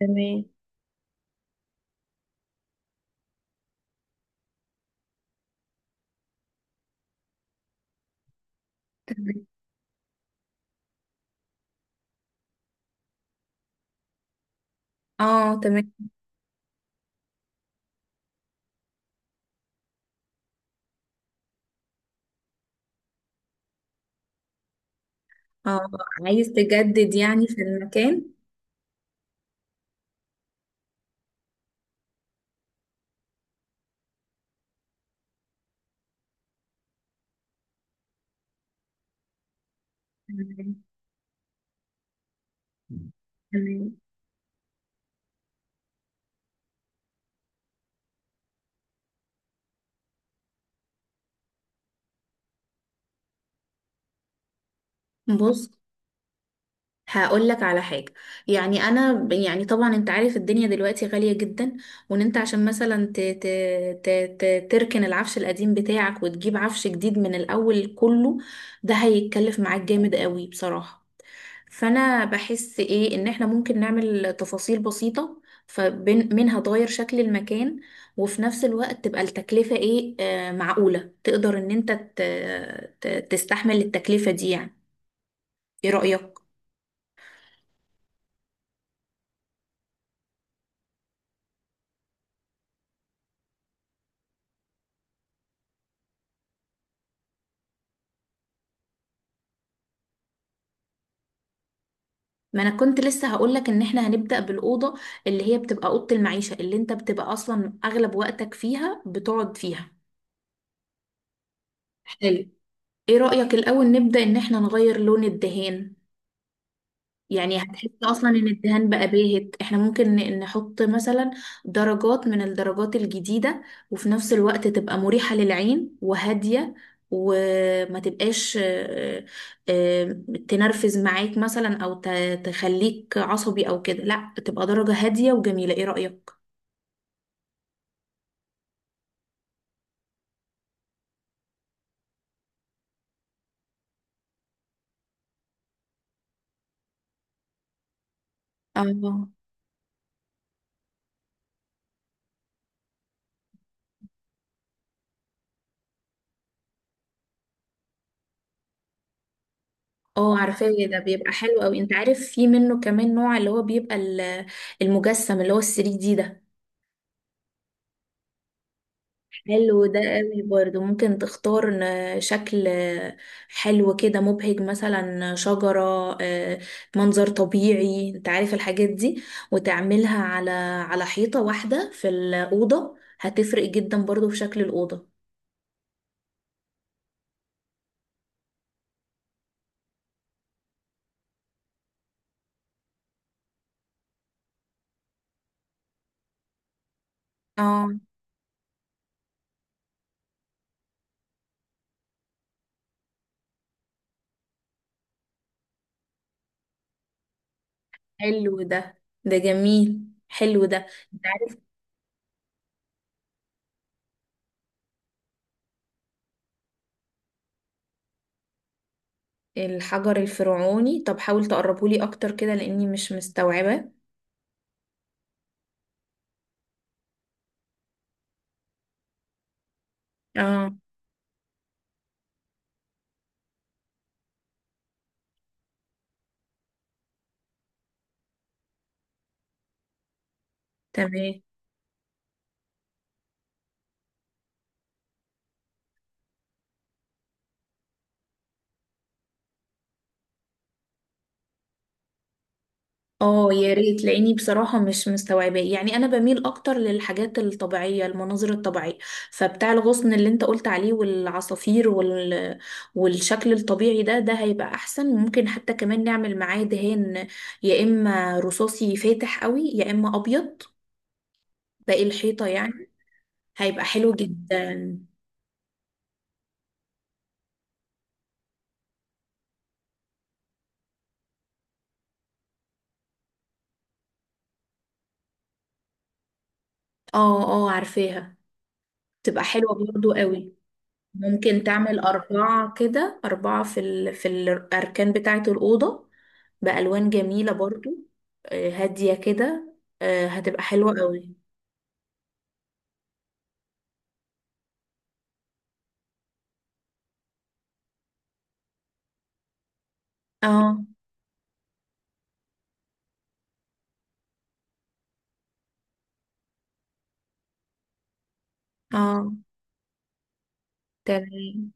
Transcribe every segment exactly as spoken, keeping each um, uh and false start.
تمام، تمام. اه. تمام. اه، عايز تجدد يعني في المكان. تمام. تمام. بص، هقول لك على حاجة. يعني أنا ب- يعني طبعا أنت عارف الدنيا دلوقتي غالية جدا. وإن أنت عشان مثلا ت ت ت ت تركن العفش القديم بتاعك وتجيب عفش جديد من الأول كله، ده هيتكلف معاك جامد قوي بصراحة. فانا بحس ايه ان احنا ممكن نعمل تفاصيل بسيطة، فمنها تغير شكل المكان. وفي نفس الوقت تبقى التكلفة ايه آه معقولة، تقدر ان انت ت- ت- تستحمل التكلفة دي يعني. ايه رأيك؟ ما انا كنت لسه هقولك ان احنا هنبدأ بالأوضة، اللي هي بتبقى أوضة المعيشة، اللي انت بتبقى اصلا اغلب وقتك فيها، بتقعد فيها. حلو. ايه رأيك الأول نبدأ ان احنا نغير لون الدهان؟ يعني هتحس اصلا ان الدهان بقى باهت، احنا ممكن ن- نحط مثلا درجات من الدرجات الجديدة. وفي نفس الوقت تبقى مريحة للعين وهادية، وما تبقاش آه، آه، تنرفز معاك مثلا او ت- تخليك عصبي او كده. لا، بتبقى درجة هادية وجميلة. ايه رأيك؟ اه. اه، عارفاه ده بيبقى حلو قوي. انت عارف في منه كمان نوع اللي هو بيبقى ال- المجسم اللي هو ال ثري دي ده. حلو ده قوي، برضه ممكن تختار آه، شكل آه، حلو كده، مبهج، مثلا شجرة، آه، منظر طبيعي، انت عارف الحاجات دي. وتعملها على على حيطة واحدة في الأوضة، هتفرق جدا برضه في شكل الأوضة. اه، حلو ده. ده جميل. حلو ده. انت عارف الحجر الفرعوني؟ طب حاول تقربهولي اكتر كده لاني مش مستوعبة. اه، تمام. اه، يا ريت لاني بصراحة مش مستوعباه. يعني انا بميل اكتر للحاجات الطبيعية، المناظر الطبيعية. فبتاع الغصن اللي انت قلت عليه والعصافير وال... والشكل الطبيعي ده ده هيبقى احسن. ممكن حتى كمان نعمل معاه دهان، يا اما رصاصي فاتح قوي، يا اما ابيض باقي الحيطة يعني. هيبقى حلو جدا. اه. اه، عارفاها. تبقى حلوة برضو قوي. ممكن تعمل أربعة كده، أربعة في ال... في الأركان بتاعة الأوضة، بألوان جميلة برضو. آه، هادية كده. آه، هتبقى حلوة قوي. اه. اه، تمام.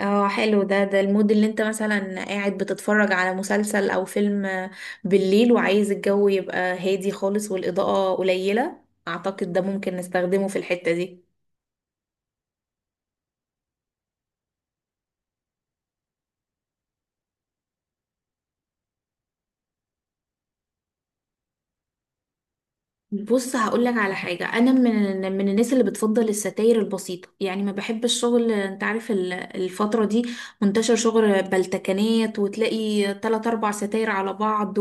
اه، حلو ده. ده المود اللي انت مثلا قاعد بتتفرج على مسلسل او فيلم آه، بالليل، وعايز الجو يبقى هادي خالص والإضاءة قليلة. اعتقد ده ممكن نستخدمه في الحتة دي. بص، هقول لك على حاجة. أنا من من الناس اللي بتفضل الستاير البسيطة. يعني ما بحب الشغل. أنت عارف ال- الفترة دي منتشر شغل بلتكنات، وتلاقي تلات أربع ستاير على بعض.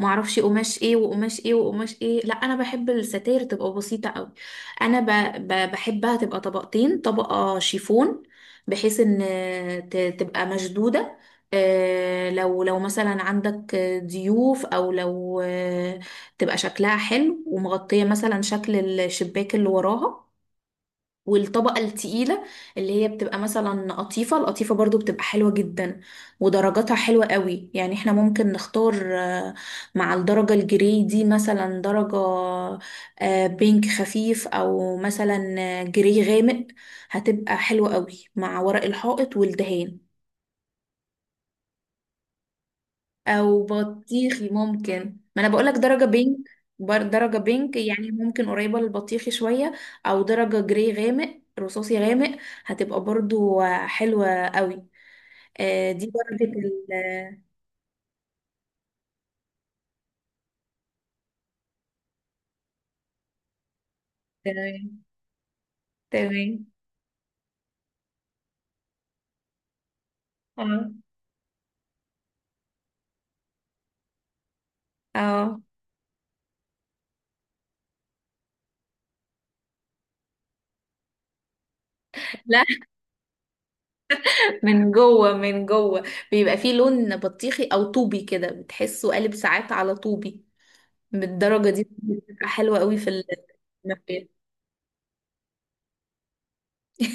ومعرفش قماش إيه وقماش إيه وقماش إيه. لا، أنا بحب الستاير تبقى بسيطة أوي. أنا ب... ب... بحبها تبقى طبقتين، طبقة شيفون. بحيث إن ت... تبقى مشدودة. آه، لو لو مثلا عندك ضيوف، أو لو تبقى شكلها حلو ومغطية مثلا شكل الشباك اللي وراها. والطبقة التقيلة اللي هي بتبقى مثلا قطيفة. القطيفة برضو بتبقى حلوة جدا، ودرجاتها حلوة قوي. يعني احنا ممكن نختار آه، مع الدرجة الجري دي، مثلا درجة آه، بينك خفيف، او مثلا آه، جري غامق. هتبقى حلوة قوي مع ورق الحائط والدهان. او بطيخي ممكن. ما انا بقولك درجة بينك. بر- درجة بينك، يعني ممكن قريبة للبطيخي شوية. او درجة جري غامق، رصاصي غامق، هتبقى برضو حلوة قوي. آه دي درجة ال تمام. تمام. اه. اه. لا. من جوه، من جوه بيبقى فيه لون بطيخي او طوبي كده، بتحسه قالب ساعات على طوبي. بالدرجة دي بتبقى حلوة قوي في المخبز.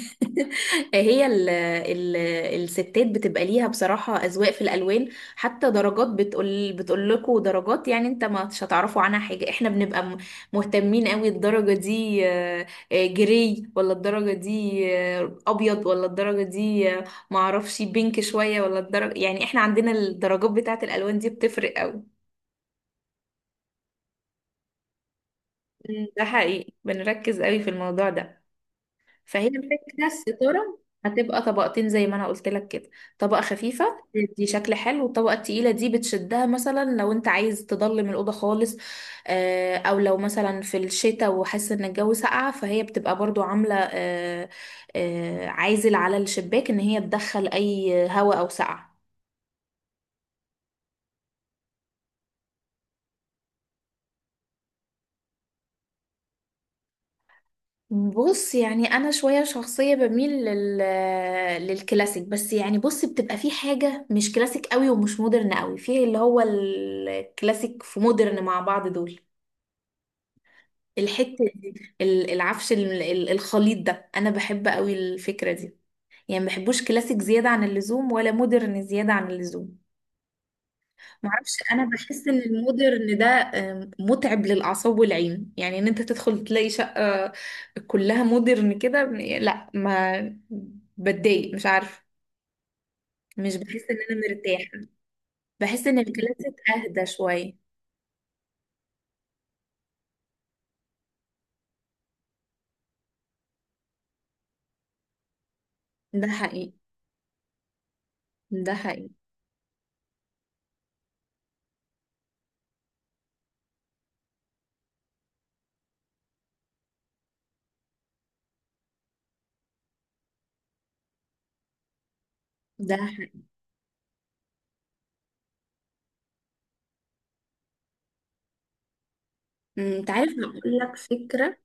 هي ال ال الستات بتبقى ليها بصراحة أذواق في الألوان. حتى درجات، بتقول بتقول لكم درجات يعني انت ما مش هتعرفوا عنها حاجة. احنا بنبقى م- مهتمين قوي. الدرجة دي آه، آه، جري، ولا الدرجة دي آه، أبيض، ولا الدرجة دي آه، معرفش بينك شوية، ولا الدرجة، يعني احنا عندنا الدرجات بتاعة الألوان دي بتفرق قوي. مم. ده حقيقي، بنركز قوي في الموضوع ده. فهي الفكرة. الستارة هتبقى طبقتين زي ما انا قلت لك كده، طبقة خفيفة. دي شكل حلو، والطبقة التقيلة دي بتشدها مثلا لو انت عايز تضلم الأوضة خالص. آه، او لو مثلا في الشتاء وحاسس ان الجو ساقعة، فهي بتبقى برضو عاملة آه، آه، عازل على الشباك ان هي تدخل اي هواء او سقعة. بص، يعني انا شويه شخصيه بميل لل... للكلاسيك. بس يعني بص، بتبقى في حاجه مش كلاسيك قوي ومش مودرن قوي، في اللي هو الكلاسيك في مودرن مع بعض دول. الحته دي، ال- العفش ال- ال- الخليط ده، انا بحب قوي الفكره دي. يعني ما بحبوش كلاسيك زياده عن اللزوم، ولا مودرن زياده عن اللزوم. معرفش، انا بحس ان المودرن ده آم، متعب للاعصاب والعين. يعني ان انت تدخل تلاقي شقة كلها مودرن كده. لا. ما بتضايق، مش عارفه، مش بحس ان انا مرتاحه. بحس ان الكلاسيك اهدى شويه. ده حقيقي. ده حقيقي. ده حقيقي. أمم، انت عارف، اقول لك فكره.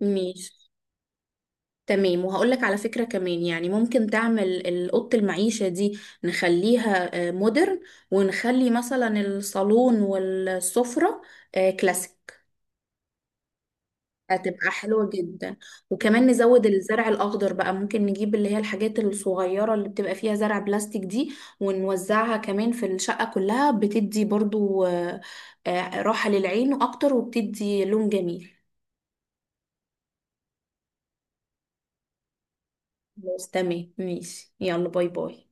ماشي. تمام. وهقولك على فكرة كمان. يعني ممكن تعمل ال- أوضة المعيشة دي، نخليها آه، مودرن، ونخلي مثلا الصالون والسفرة آه، كلاسيك. هتبقى حلوة جدا. وكمان نزود الزرع الأخضر بقى، ممكن نجيب اللي هي الحاجات الصغيرة اللي بتبقى فيها زرع بلاستيك دي. ونوزعها كمان في الشقة كلها، بتدي برضو آه، آه، راحة للعين أكتر، وبتدي لون جميل. خلاص. تمام. ماشي. يلا، باي باي.